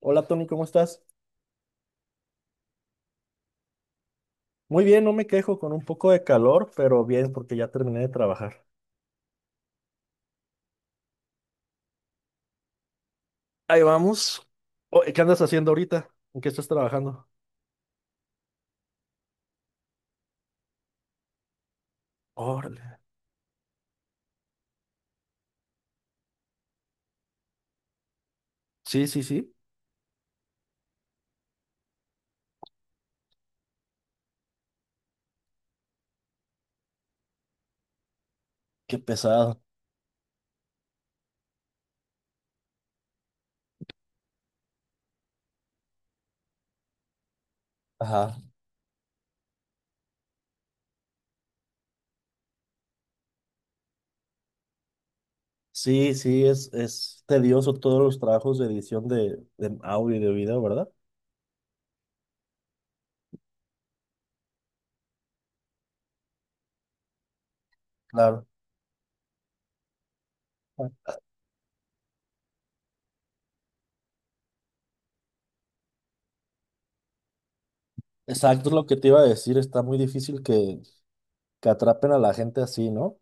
Hola Tony, ¿cómo estás? Muy bien, no me quejo con un poco de calor, pero bien porque ya terminé de trabajar. Ahí vamos. Oh, ¿qué andas haciendo ahorita? ¿En qué estás trabajando? Órale. Sí, sí, sí. Qué pesado. Ajá. Sí, sí, es tedioso todos los trabajos de edición de audio y de video, ¿verdad? Claro. Ah. Exacto, es lo que te iba a decir. Está muy difícil que atrapen a la gente así, ¿no?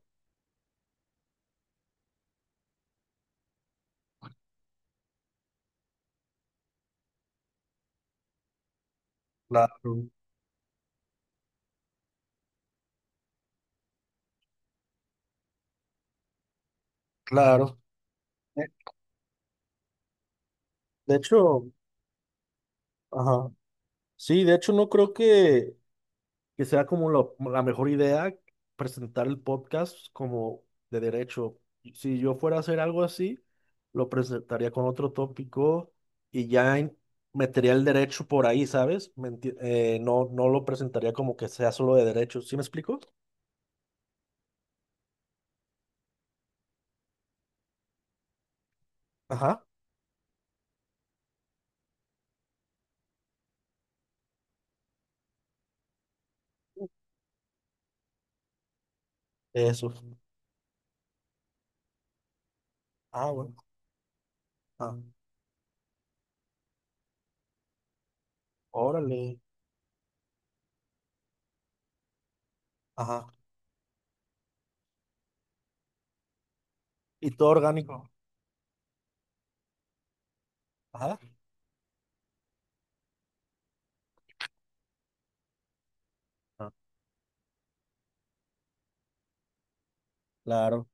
Claro, claro. Eh, De hecho, ajá. Sí, de hecho no creo que sea como la mejor idea presentar el podcast como de derecho. Si yo fuera a hacer algo así, lo presentaría con otro tópico y ya metería el derecho por ahí, ¿sabes? No, no lo presentaría como que sea solo de derecho. ¿Sí me explico? Ajá. Eso. Ah, bueno. Ah, órale. Ajá. Y todo orgánico. Ajá. Ah, claro.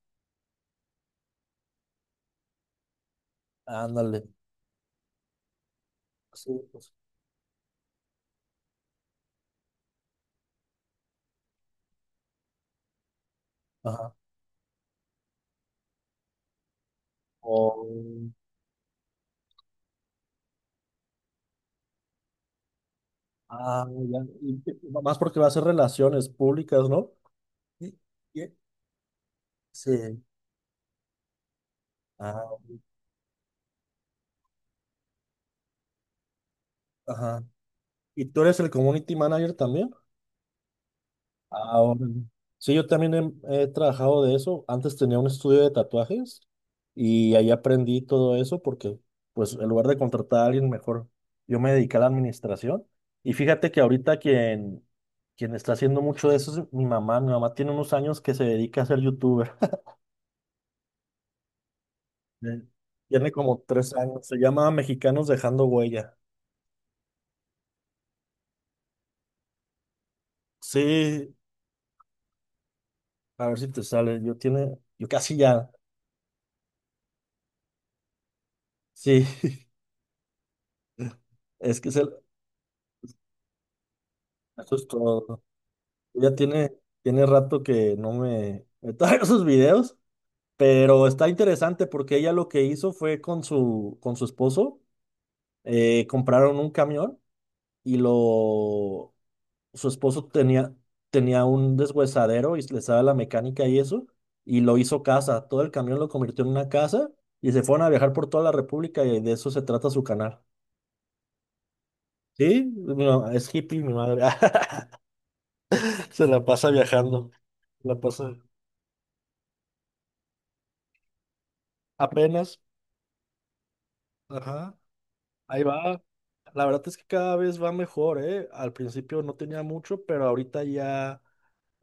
Ándale. Sí, pues. Ajá. Oh. Ah, ya. Y más porque va a ser relaciones públicas, ¿no? Y- y- Sí. Ah, ajá. ¿Y tú eres el community manager también? Ah, órale. Sí, yo también he trabajado de eso. Antes tenía un estudio de tatuajes y ahí aprendí todo eso porque, pues, en lugar de contratar a alguien mejor, yo me dediqué a la administración. Y fíjate que ahorita quien está haciendo mucho de eso es mi mamá. Mi mamá tiene unos años que se dedica a ser youtuber. Eh, Tiene como tres años. Se llama Mexicanos Dejando Huella. Sí, a ver si te sale. Yo tiene, yo casi ya. Sí, es que se el, eso es todo. Ya tiene, Tiene rato que no me, me traigo sus videos, pero está interesante porque ella lo que hizo fue con su esposo, compraron un camión y lo, su esposo tenía un deshuesadero y le sabe la mecánica y eso, y lo hizo casa, todo el camión lo convirtió en una casa y se fueron a viajar por toda la República y de eso se trata su canal. Sí, es hippie, mi madre. Se la pasa viajando. La pasa apenas. Ajá. Ahí va. La verdad es que cada vez va mejor, ¿eh? Al principio no tenía mucho, pero ahorita ya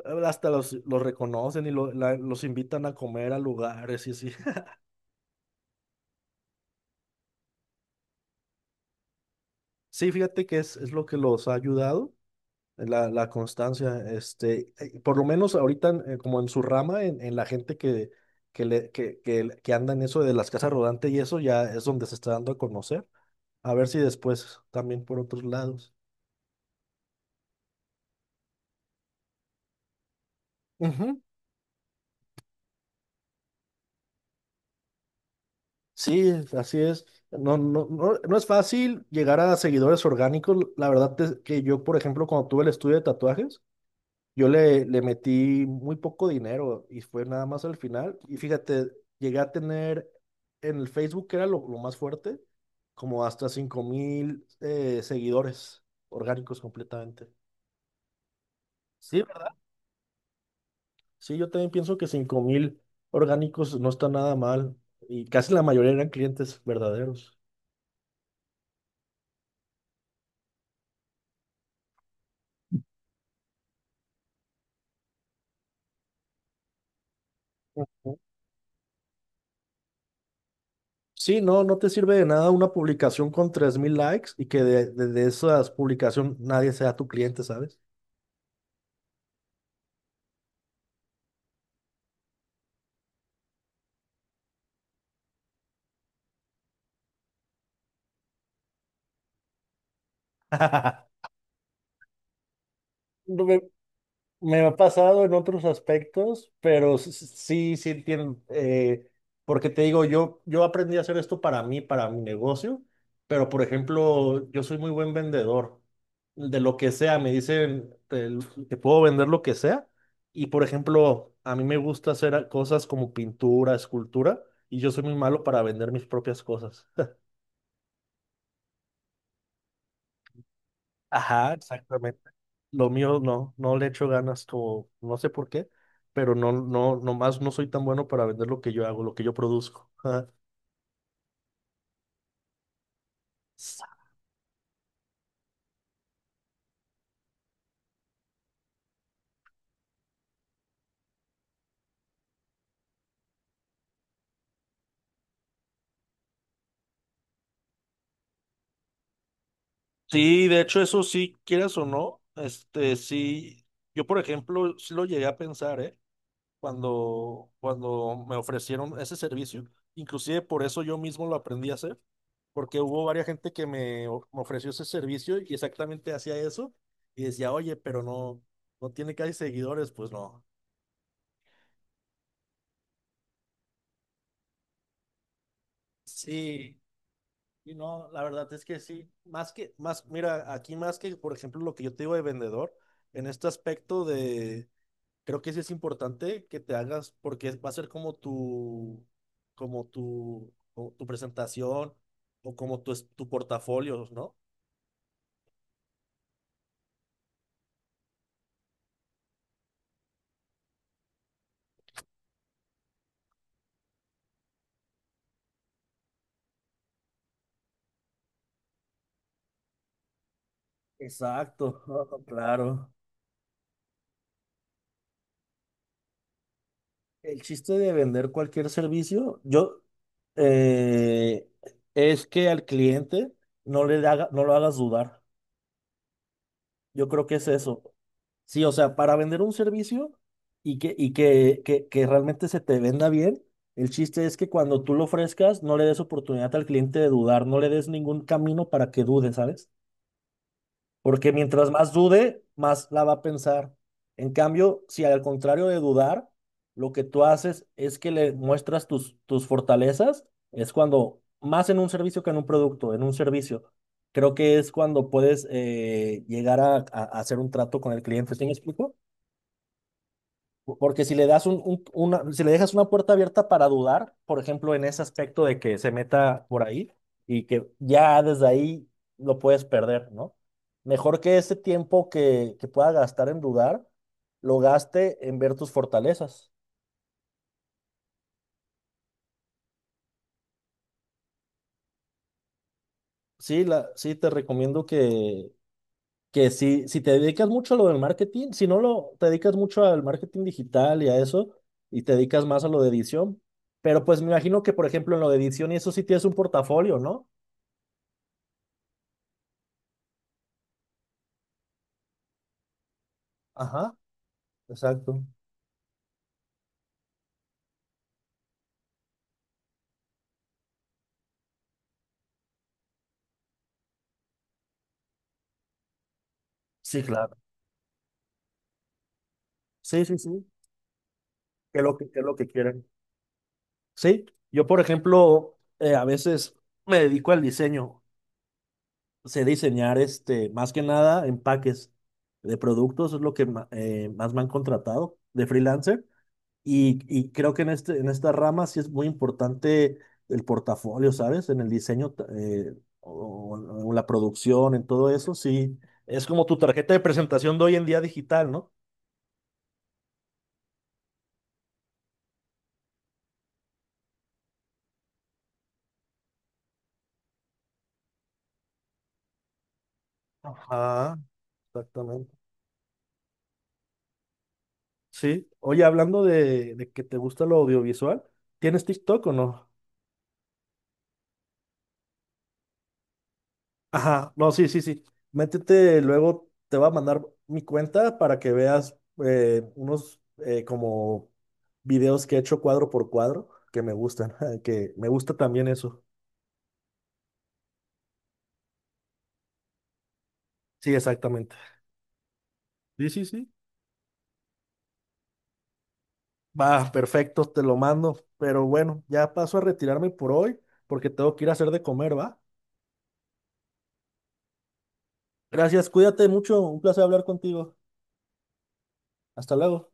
hasta los reconocen y los invitan a comer a lugares y así. Sí, fíjate que es lo que los ha ayudado, la constancia, por lo menos ahorita como en su rama, en la gente que anda en eso de las casas rodantes y eso ya es donde se está dando a conocer, a ver si después también por otros lados. Ujú, sí, así es. No, no es fácil llegar a seguidores orgánicos. La verdad es que yo, por ejemplo, cuando tuve el estudio de tatuajes, yo le metí muy poco dinero y fue nada más al final. Y fíjate, llegué a tener en el Facebook, que era lo más fuerte, como hasta 5.000 seguidores orgánicos completamente. Sí, ¿verdad? Sí, yo también pienso que 5.000 orgánicos no está nada mal. Y casi la mayoría eran clientes verdaderos. Sí, no, no te sirve de nada una publicación con 3.000 likes y que de esas publicaciones nadie sea tu cliente, ¿sabes? No me- Me ha pasado en otros aspectos, pero sí, sí entiendo, porque te digo, yo aprendí a hacer esto para mí, para mi negocio, pero por ejemplo, yo soy muy buen vendedor de lo que sea, me dicen, te puedo vender lo que sea, y por ejemplo, a mí me gusta hacer cosas como pintura, escultura, y yo soy muy malo para vender mis propias cosas. Ajá, exactamente. Lo mío no, no le echo ganas como, no sé por qué, pero nomás no soy tan bueno para vender lo que yo hago, lo que yo produzco. Sí, de hecho, eso sí, quieras o no, este, sí, yo por ejemplo, sí lo llegué a pensar, ¿eh? Cuando me ofrecieron ese servicio, inclusive por eso yo mismo lo aprendí a hacer, porque hubo varias gente que me ofreció ese servicio y exactamente hacía eso, y decía, oye, pero no, no tiene casi seguidores, pues no. Sí. Y no, la verdad es que sí. Más que, más, mira, aquí más que, por ejemplo, lo que yo te digo de vendedor, en este aspecto de, creo que sí es importante que te hagas, porque va a ser como como tu presentación o como tu portafolio, ¿no? Exacto, claro. El chiste de vender cualquier servicio, eh, es que al cliente no lo hagas dudar. Yo creo que es eso. Sí, o sea, para vender un servicio y que realmente se te venda bien, el chiste es que cuando tú lo ofrezcas, no le des oportunidad al cliente de dudar, no le des ningún camino para que dude, ¿sabes? Porque mientras más dude, más la va a pensar. En cambio, si al contrario de dudar, lo que tú haces es que le muestras tus fortalezas, es cuando, más en un servicio que en un producto, en un servicio, creo que es cuando puedes llegar a hacer un trato con el cliente. ¿Sí me explico? Porque si le das si le dejas una puerta abierta para dudar, por ejemplo, en ese aspecto de que se meta por ahí y que ya desde ahí lo puedes perder, ¿no? Mejor que ese tiempo que pueda gastar en dudar, lo gaste en ver tus fortalezas. Sí, te recomiendo que si te dedicas mucho a lo del marketing, si no te dedicas mucho al marketing digital y a eso, y te dedicas más a lo de edición, pero pues me imagino que, por ejemplo, en lo de edición y eso sí tienes un portafolio, ¿no? Ajá, exacto. Sí, claro. Sí, sí, sí. ¿Qué es lo que, qué es lo que quieren? Sí, yo, por ejemplo, a veces me dedico al diseño. Sé diseñar, este, más que nada, empaques de productos, es lo que más me han contratado de freelancer. Y creo que en en esta rama sí es muy importante el portafolio, ¿sabes? En el diseño o, o la producción, en todo eso, sí. Es como tu tarjeta de presentación de hoy en día digital, ¿no? Ajá. Exactamente. Sí. Oye, hablando de que te gusta lo audiovisual, ¿tienes TikTok o no? Ajá, no, sí, sí, sí. Métete, luego te va a mandar mi cuenta para que veas unos como videos que he hecho cuadro por cuadro que me gustan, que me gusta también eso. Sí, exactamente. Sí, sí, sí. Va, perfecto, te lo mando. Pero bueno, ya paso a retirarme por hoy porque tengo que ir a hacer de comer, ¿va? Gracias, cuídate mucho, un placer hablar contigo. Hasta luego.